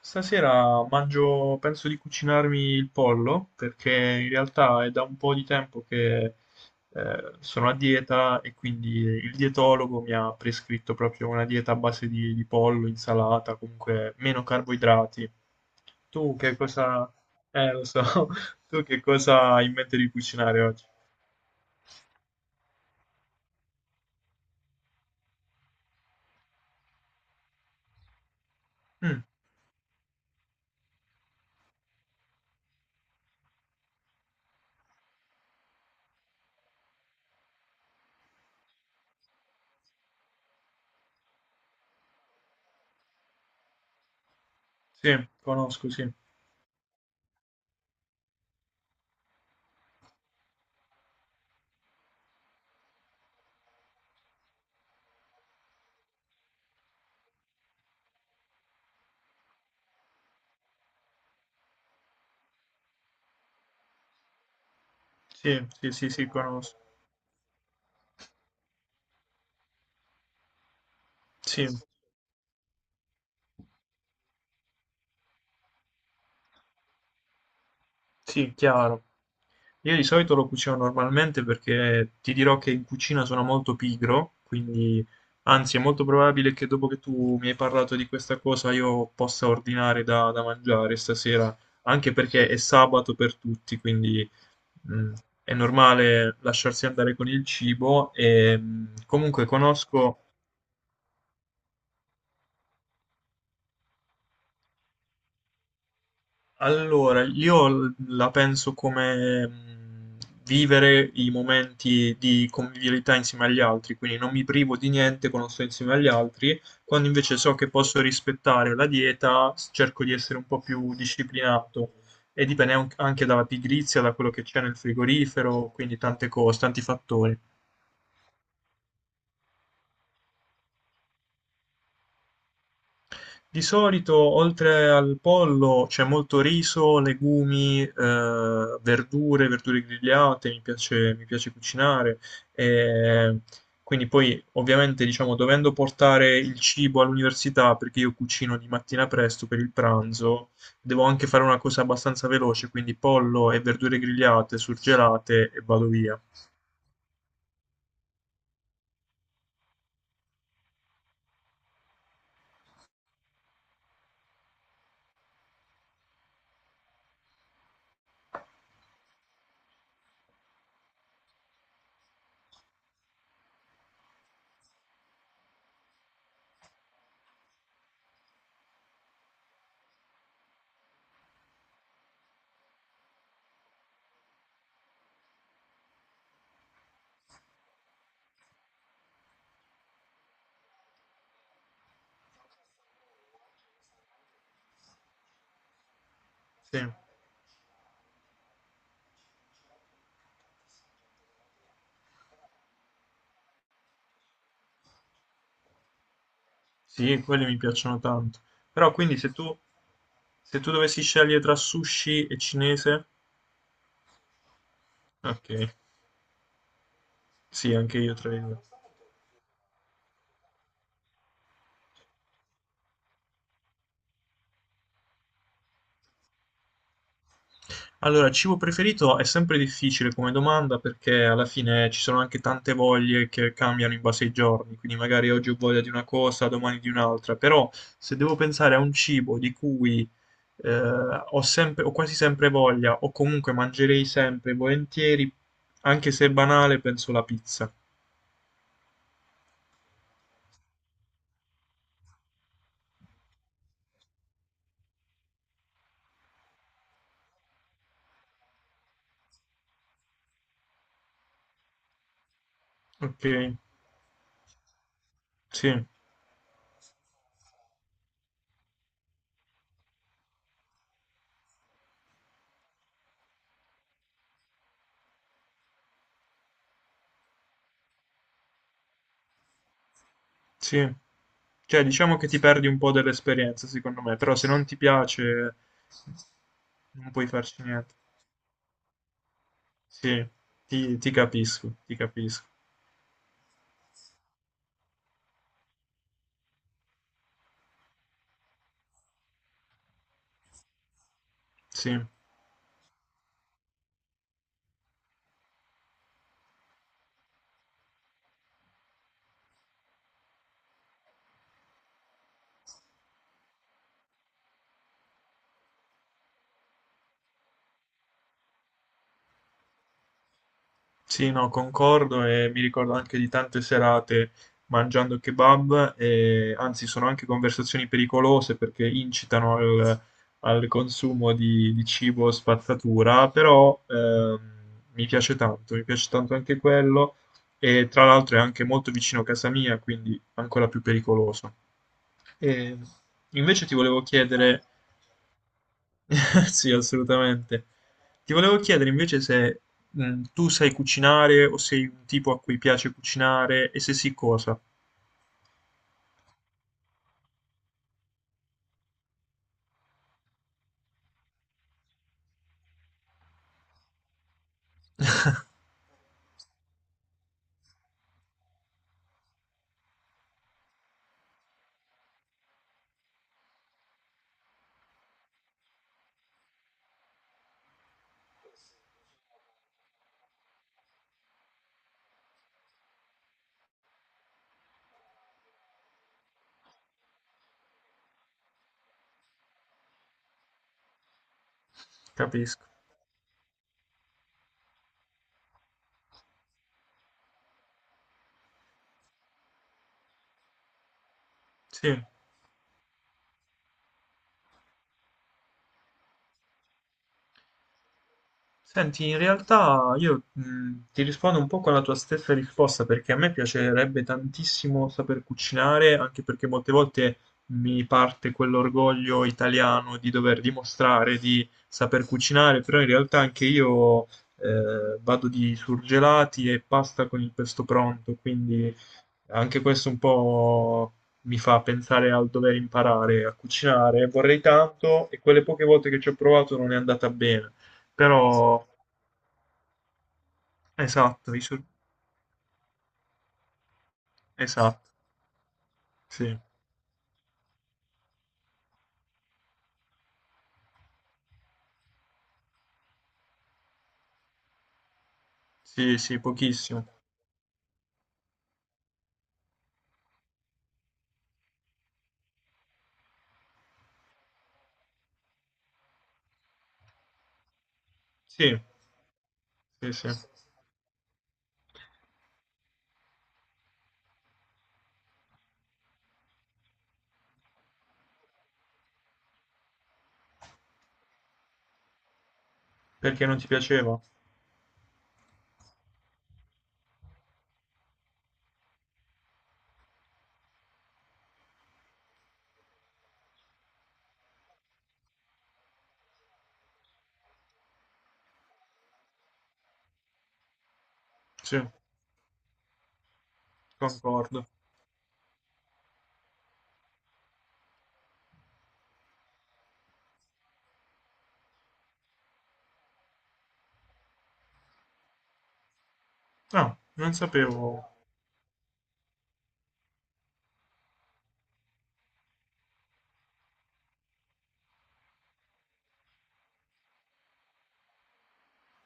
Stasera mangio, penso di cucinarmi il pollo perché in realtà è da un po' di tempo che sono a dieta e quindi il dietologo mi ha prescritto proprio una dieta a base di pollo, insalata, comunque meno carboidrati. Tu che cosa... lo so, tu che cosa hai in mente di cucinare oggi? Mm, sì, conosco, sì. Sì, sì, sì, sì, conosco. Sì, sì, chiaro. Io di solito lo cucino normalmente perché ti dirò che in cucina sono molto pigro, quindi anzi è molto probabile che dopo che tu mi hai parlato di questa cosa io possa ordinare da mangiare stasera, anche perché è sabato per tutti, quindi mh, è normale lasciarsi andare con il cibo e comunque conosco. Allora, io la penso come vivere i momenti di convivialità insieme agli altri, quindi non mi privo di niente quando sto insieme agli altri, quando invece so che posso rispettare la dieta, cerco di essere un po' più disciplinato e dipende anche dalla pigrizia, da quello che c'è nel frigorifero, quindi tante cose, tanti fattori. Di solito, oltre al pollo, c'è molto riso, legumi, verdure, verdure grigliate, mi piace cucinare. E quindi poi, ovviamente, diciamo, dovendo portare il cibo all'università, perché io cucino di mattina presto per il pranzo, devo anche fare una cosa abbastanza veloce, quindi pollo e verdure grigliate, surgelate e vado via. Sì, sì, quelle mi piacciono tanto. Però quindi se tu, se tu dovessi scegliere tra sushi e cinese... Ok, sì, anche io tra i due. Allora, cibo preferito è sempre difficile come domanda perché alla fine ci sono anche tante voglie che cambiano in base ai giorni, quindi magari oggi ho voglia di una cosa, domani di un'altra, però se devo pensare a un cibo di cui ho sempre, ho quasi sempre voglia o comunque mangerei sempre volentieri, anche se è banale, penso la pizza. Ok, sì. Sì. Cioè, diciamo che ti perdi un po' dell'esperienza, secondo me, però se non ti piace non puoi farci niente. Sì, ti capisco, ti capisco. Sì. Sì, no, concordo e mi ricordo anche di tante serate mangiando kebab e anzi sono anche conversazioni pericolose perché incitano al, al consumo di cibo spazzatura, però mi piace tanto anche quello e tra l'altro è anche molto vicino a casa mia, quindi ancora più pericoloso. E invece ti volevo chiedere. Sì, assolutamente. Ti volevo chiedere invece se mm, tu sai cucinare o sei un tipo a cui piace cucinare e se sì cosa. Capisco. Sì. Senti, in realtà io ti rispondo un po' con la tua stessa risposta perché a me piacerebbe tantissimo saper cucinare, anche perché molte volte mi parte quell'orgoglio italiano di dover dimostrare di saper cucinare, però in realtà anche io vado di surgelati e pasta con il pesto pronto, quindi anche questo un po' mi fa pensare al dover imparare a cucinare. Vorrei tanto e quelle poche volte che ci ho provato non è andata bene, però... Esatto, esatto, sì, sì, sì, pochissimo. Sì, sì, sì, perché non ti piaceva? Sì, concordo. No, non sapevo,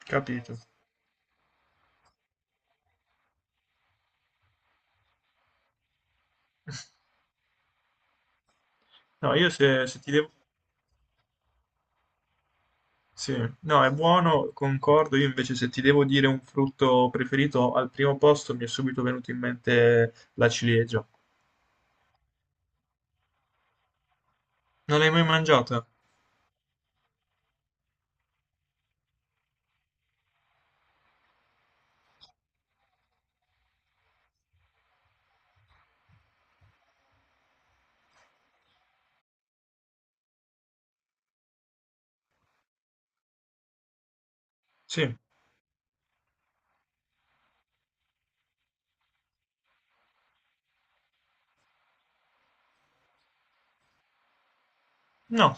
capito. No, io se, se ti devo... Sì, no, è buono, concordo, io invece se ti devo dire un frutto preferito, al primo posto mi è subito venuto in mente la ciliegia. Non l'hai mai mangiata? Sì. No,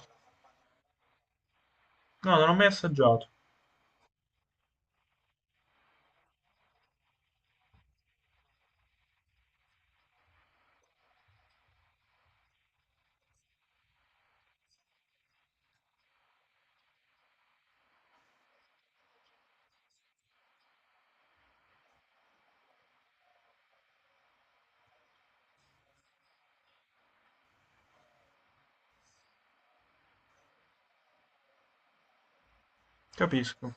no, non l'ho mai assaggiato, capisco.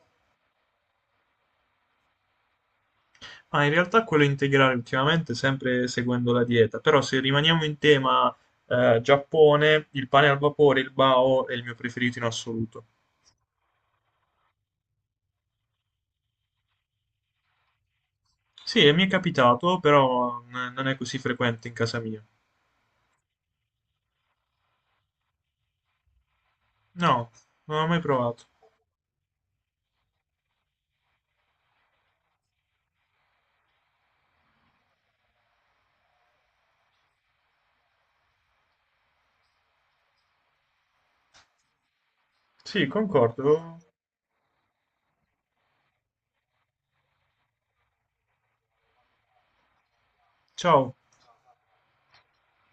Ma in realtà quello integrale ultimamente sempre seguendo la dieta, però se rimaniamo in tema Giappone, il pane al vapore, il bao è il mio preferito in assoluto. Sì, mi è capitato, però non è così frequente in casa mia. No, non l'ho mai provato. Sì, concordo. Ciao.